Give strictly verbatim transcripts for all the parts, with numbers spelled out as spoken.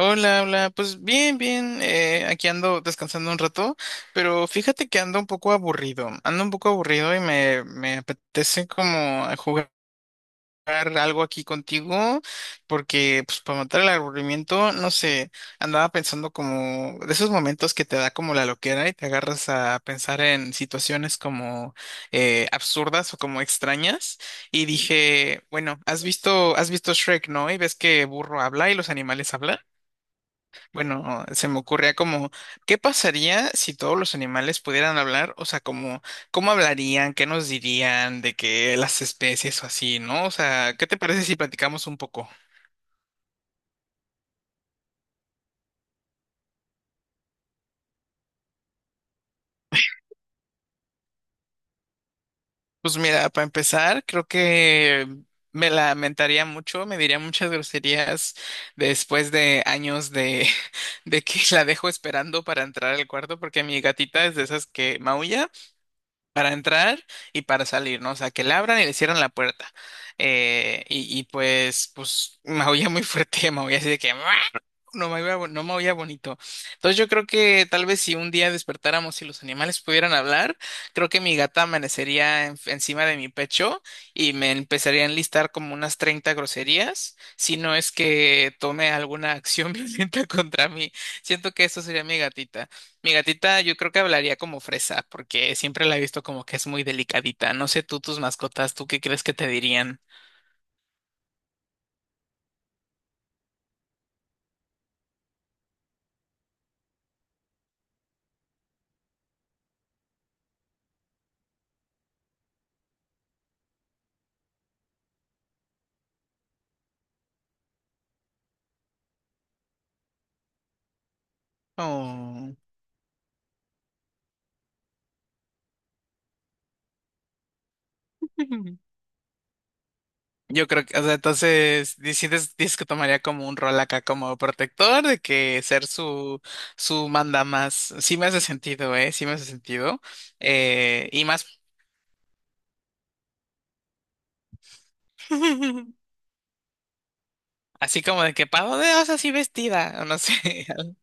Hola, hola, pues bien, bien, eh, aquí ando descansando un rato, pero fíjate que ando un poco aburrido, ando un poco aburrido y me, me apetece como jugar algo aquí contigo, porque pues para matar el aburrimiento, no sé, andaba pensando como de esos momentos que te da como la loquera y te agarras a pensar en situaciones como eh, absurdas o como extrañas y dije, bueno, has visto, has visto Shrek, ¿no? Y ves que burro habla y los animales hablan. Bueno, se me ocurría como, ¿qué pasaría si todos los animales pudieran hablar? O sea, como, ¿cómo hablarían? ¿Qué nos dirían de que las especies o así, ¿no? O sea, ¿qué te parece si platicamos un poco? Pues mira, para empezar, creo que me lamentaría mucho, me diría muchas groserías después de años de, de que la dejo esperando para entrar al cuarto, porque mi gatita es de esas que maulla para entrar y para salir, ¿no? O sea, que le abran y le cierran la puerta. Eh, y, y pues, pues, maulla muy fuerte, maulla así de que "Meow", no me oía, bo- no me oía bonito. Entonces yo creo que tal vez si un día despertáramos y los animales pudieran hablar, creo que mi gata amanecería en- encima de mi pecho y me empezaría a enlistar como unas treinta groserías, si no es que tome alguna acción violenta contra mí. Siento que eso sería mi gatita. Mi gatita yo creo que hablaría como fresa, porque siempre la he visto como que es muy delicadita. No sé tú, tus mascotas, ¿tú qué crees que te dirían? Oh. Yo creo que, o sea, entonces, dices, dices que tomaría como un rol acá como protector, de que ser su, su manda más. Sí me hace sentido, ¿eh? Sí me hace sentido. Eh, y más, así como de que pavo de osa así vestida, o no sé.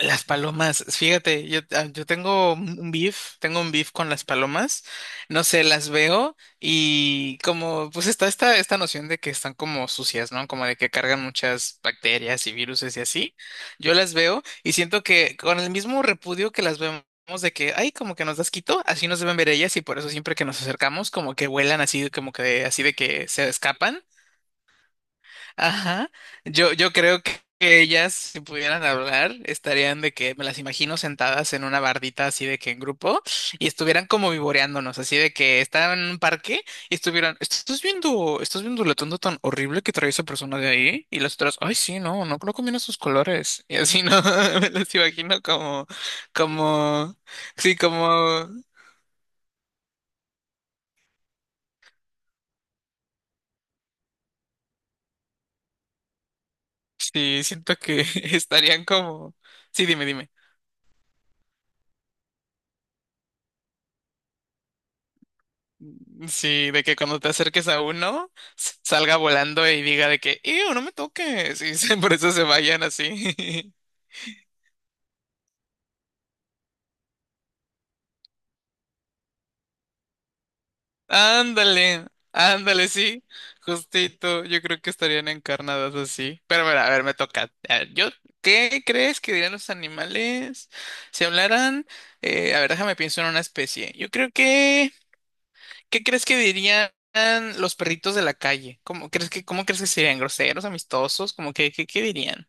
Las palomas, fíjate, yo, ah, yo tengo un un beef, tengo un beef con las palomas, no sé, las veo y como pues está esta, esta noción de que están como sucias, ¿no? Como de que cargan muchas bacterias y viruses y así, yo las veo y siento que con el mismo repudio que las vemos de que, ay, como que nos da asquito, así nos deben ver ellas y por eso siempre que nos acercamos como que vuelan así, como que así de que se escapan. Ajá. Yo, yo creo que que ellas, si pudieran hablar, estarían de que me las imagino sentadas en una bardita así de que en grupo y estuvieran como vivoreándonos, así de que estaban en un parque y estuvieran, ¿estás viendo, estás viendo lo tonto tan horrible que trae esa persona de ahí? Y las otras, ay, sí, no, no, no combina sus colores. Y así no. Me las imagino como, como, sí, como, sí, siento que estarían como, sí, dime, dime. Sí, de que cuando te acerques a uno, s- salga volando y diga de que, ¡Ew, no me toques! Y se- por eso se vayan así. Ándale, ándale, sí, justito. Yo creo que estarían encarnadas así. Pero mira, a ver, me toca. A ver, yo, ¿qué crees que dirían los animales si hablaran? Eh, a ver, déjame pienso en una especie. Yo creo que, ¿qué crees que dirían los perritos de la calle? ¿Cómo crees que, cómo crees que serían groseros, amistosos? ¿Cómo que, qué, qué dirían?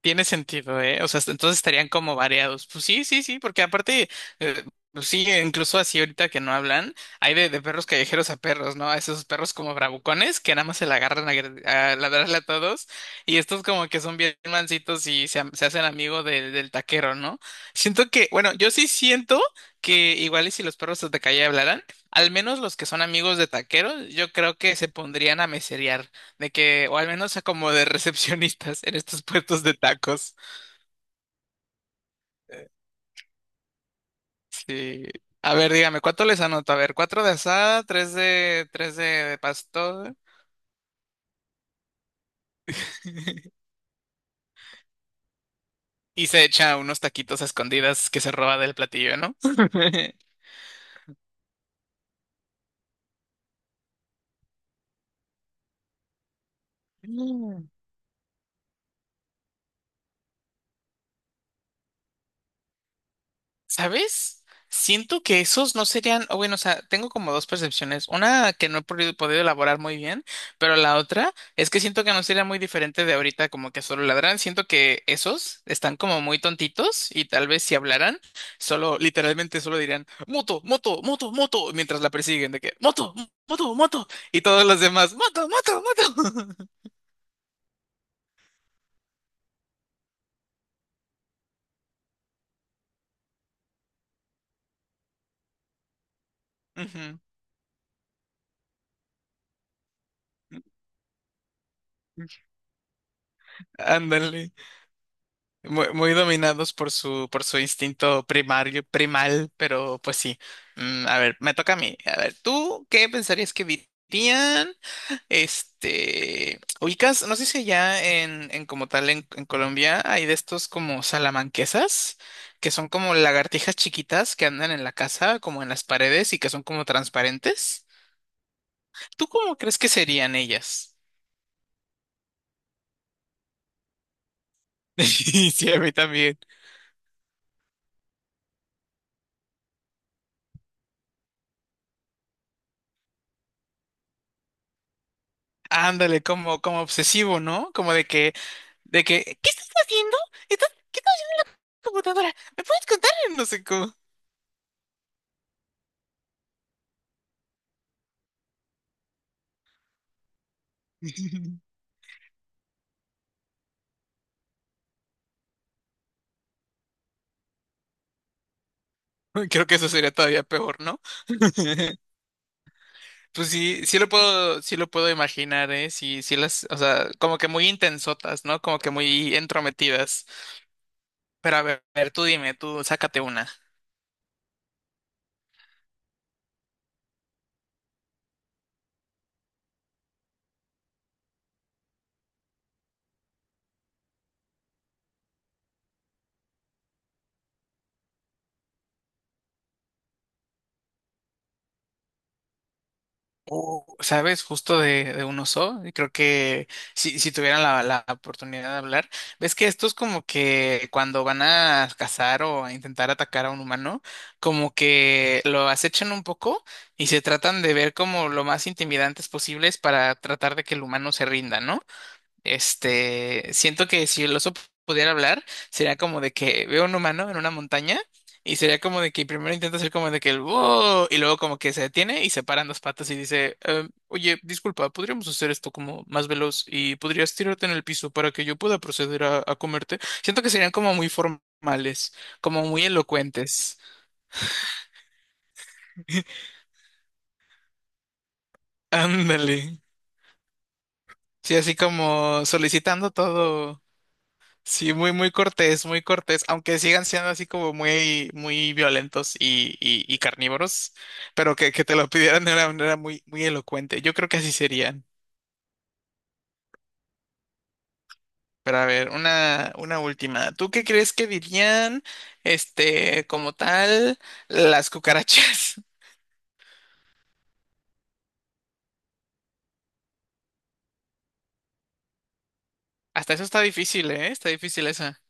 Tiene sentido, ¿eh? O sea, est- entonces estarían como variados. Pues sí, sí, sí, porque aparte, eh, pues sí, incluso así ahorita que no hablan, hay de, de perros callejeros a perros, ¿no? A esos perros como bravucones que nada más se la agarran a, gr- a ladrarle a todos y estos como que son bien mancitos y se, am- se hacen amigo del del taquero, ¿no? Siento que, bueno, yo sí siento que igual y si los perros de calle hablaran, al menos los que son amigos de taqueros, yo creo que se pondrían a meserear. De que, o al menos como de recepcionistas en estos puestos de tacos. Eh, Sí. A ver, dígame, ¿cuánto les anoto? A ver, cuatro de asada, tres de, tres de, de pastor. Y se echa unos taquitos a escondidas que se roba del platillo, ¿no? Mm. ¿Sabes? Siento que esos no serían, o bueno, o sea, tengo como dos percepciones. Una que no he podido, podido elaborar muy bien, pero la otra es que siento que no sería muy diferente de ahorita, como que solo ladran. Siento que esos están como muy tontitos y tal vez si hablaran, solo, literalmente solo dirían, moto, moto, moto, moto, mientras la persiguen, de que, moto, moto, moto, y todos los demás, moto, moto, moto. Ujú. Ándale. Muy, muy dominados por su, por su instinto primario, primal, pero pues sí. Mm, a ver, me toca a mí. A ver, ¿tú qué pensarías que dirían? Este, ubicas, no sé si ya en, en como tal en, en Colombia hay de estos como salamanquesas, que son como lagartijas chiquitas que andan en la casa, como en las paredes y que son como transparentes. ¿Tú cómo crees que serían ellas? Sí, a mí también. Ándale, como, como obsesivo, ¿no? Como de que de que, ¿qué estás haciendo? ¿Estás, qué tal la computadora? ¿Me puedes contar? No sé cómo. Creo que eso sería todavía peor, ¿no? Pues sí, sí lo puedo, sí lo puedo imaginar, ¿eh? Sí, sí las, o sea, como que muy intensotas, ¿no? Como que muy entrometidas. Pero a ver, a ver, tú dime, tú sácate una. Uh, ¿sabes? Justo de, de un oso. Y creo que si, si tuvieran la, la oportunidad de hablar, ves que estos como que cuando van a cazar o a intentar atacar a un humano, como que lo acechan un poco y se tratan de ver como lo más intimidantes posibles para tratar de que el humano se rinda, ¿no? Este, siento que si el oso pudiera hablar, sería como de que veo un humano en una montaña y sería como de que primero intenta hacer como de que el wow y luego como que se detiene y se paran dos patas y dice, "Em, oye, disculpa, podríamos hacer esto como más veloz y podrías tirarte en el piso para que yo pueda proceder a, a comerte. Siento que serían como muy formales, como muy elocuentes. Ándale. Sí, así como solicitando todo. Sí, muy, muy cortés, muy cortés, aunque sigan siendo así como muy, muy violentos y, y, y carnívoros, pero que, que te lo pidieran de una manera muy, muy elocuente. Yo creo que así serían. Pero a ver, una, una última. ¿Tú qué crees que dirían, este, como tal, las cucarachas? Hasta eso está difícil, ¿eh? Está difícil esa.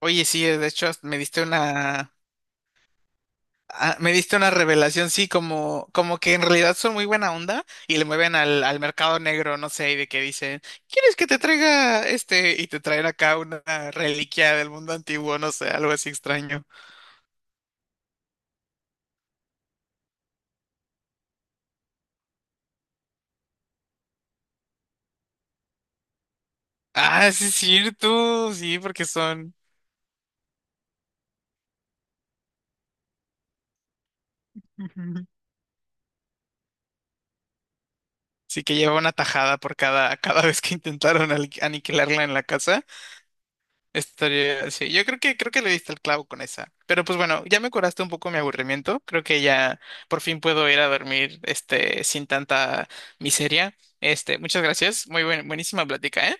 Oye, sí, de hecho, hasta me diste una. Ah, me diste una revelación, sí, como, como que en realidad son muy buena onda y le mueven al, al mercado negro, no sé, y de que dicen, ¿quieres que te traiga este? Y te traen acá una reliquia del mundo antiguo, no sé, algo así extraño. Ah, sí es cierto, sí, porque son... Sí que lleva una tajada por cada, cada vez que intentaron al- aniquilarla en la casa. Estaría, sí, yo creo que creo que le diste el clavo con esa. Pero pues bueno, ya me curaste un poco mi aburrimiento. Creo que ya por fin puedo ir a dormir este sin tanta miseria. Este, muchas gracias. Muy buen- buenísima plática, ¿eh?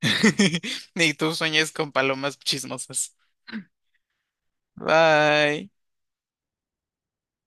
Y tú sueñes con palomas chismosas. Bye.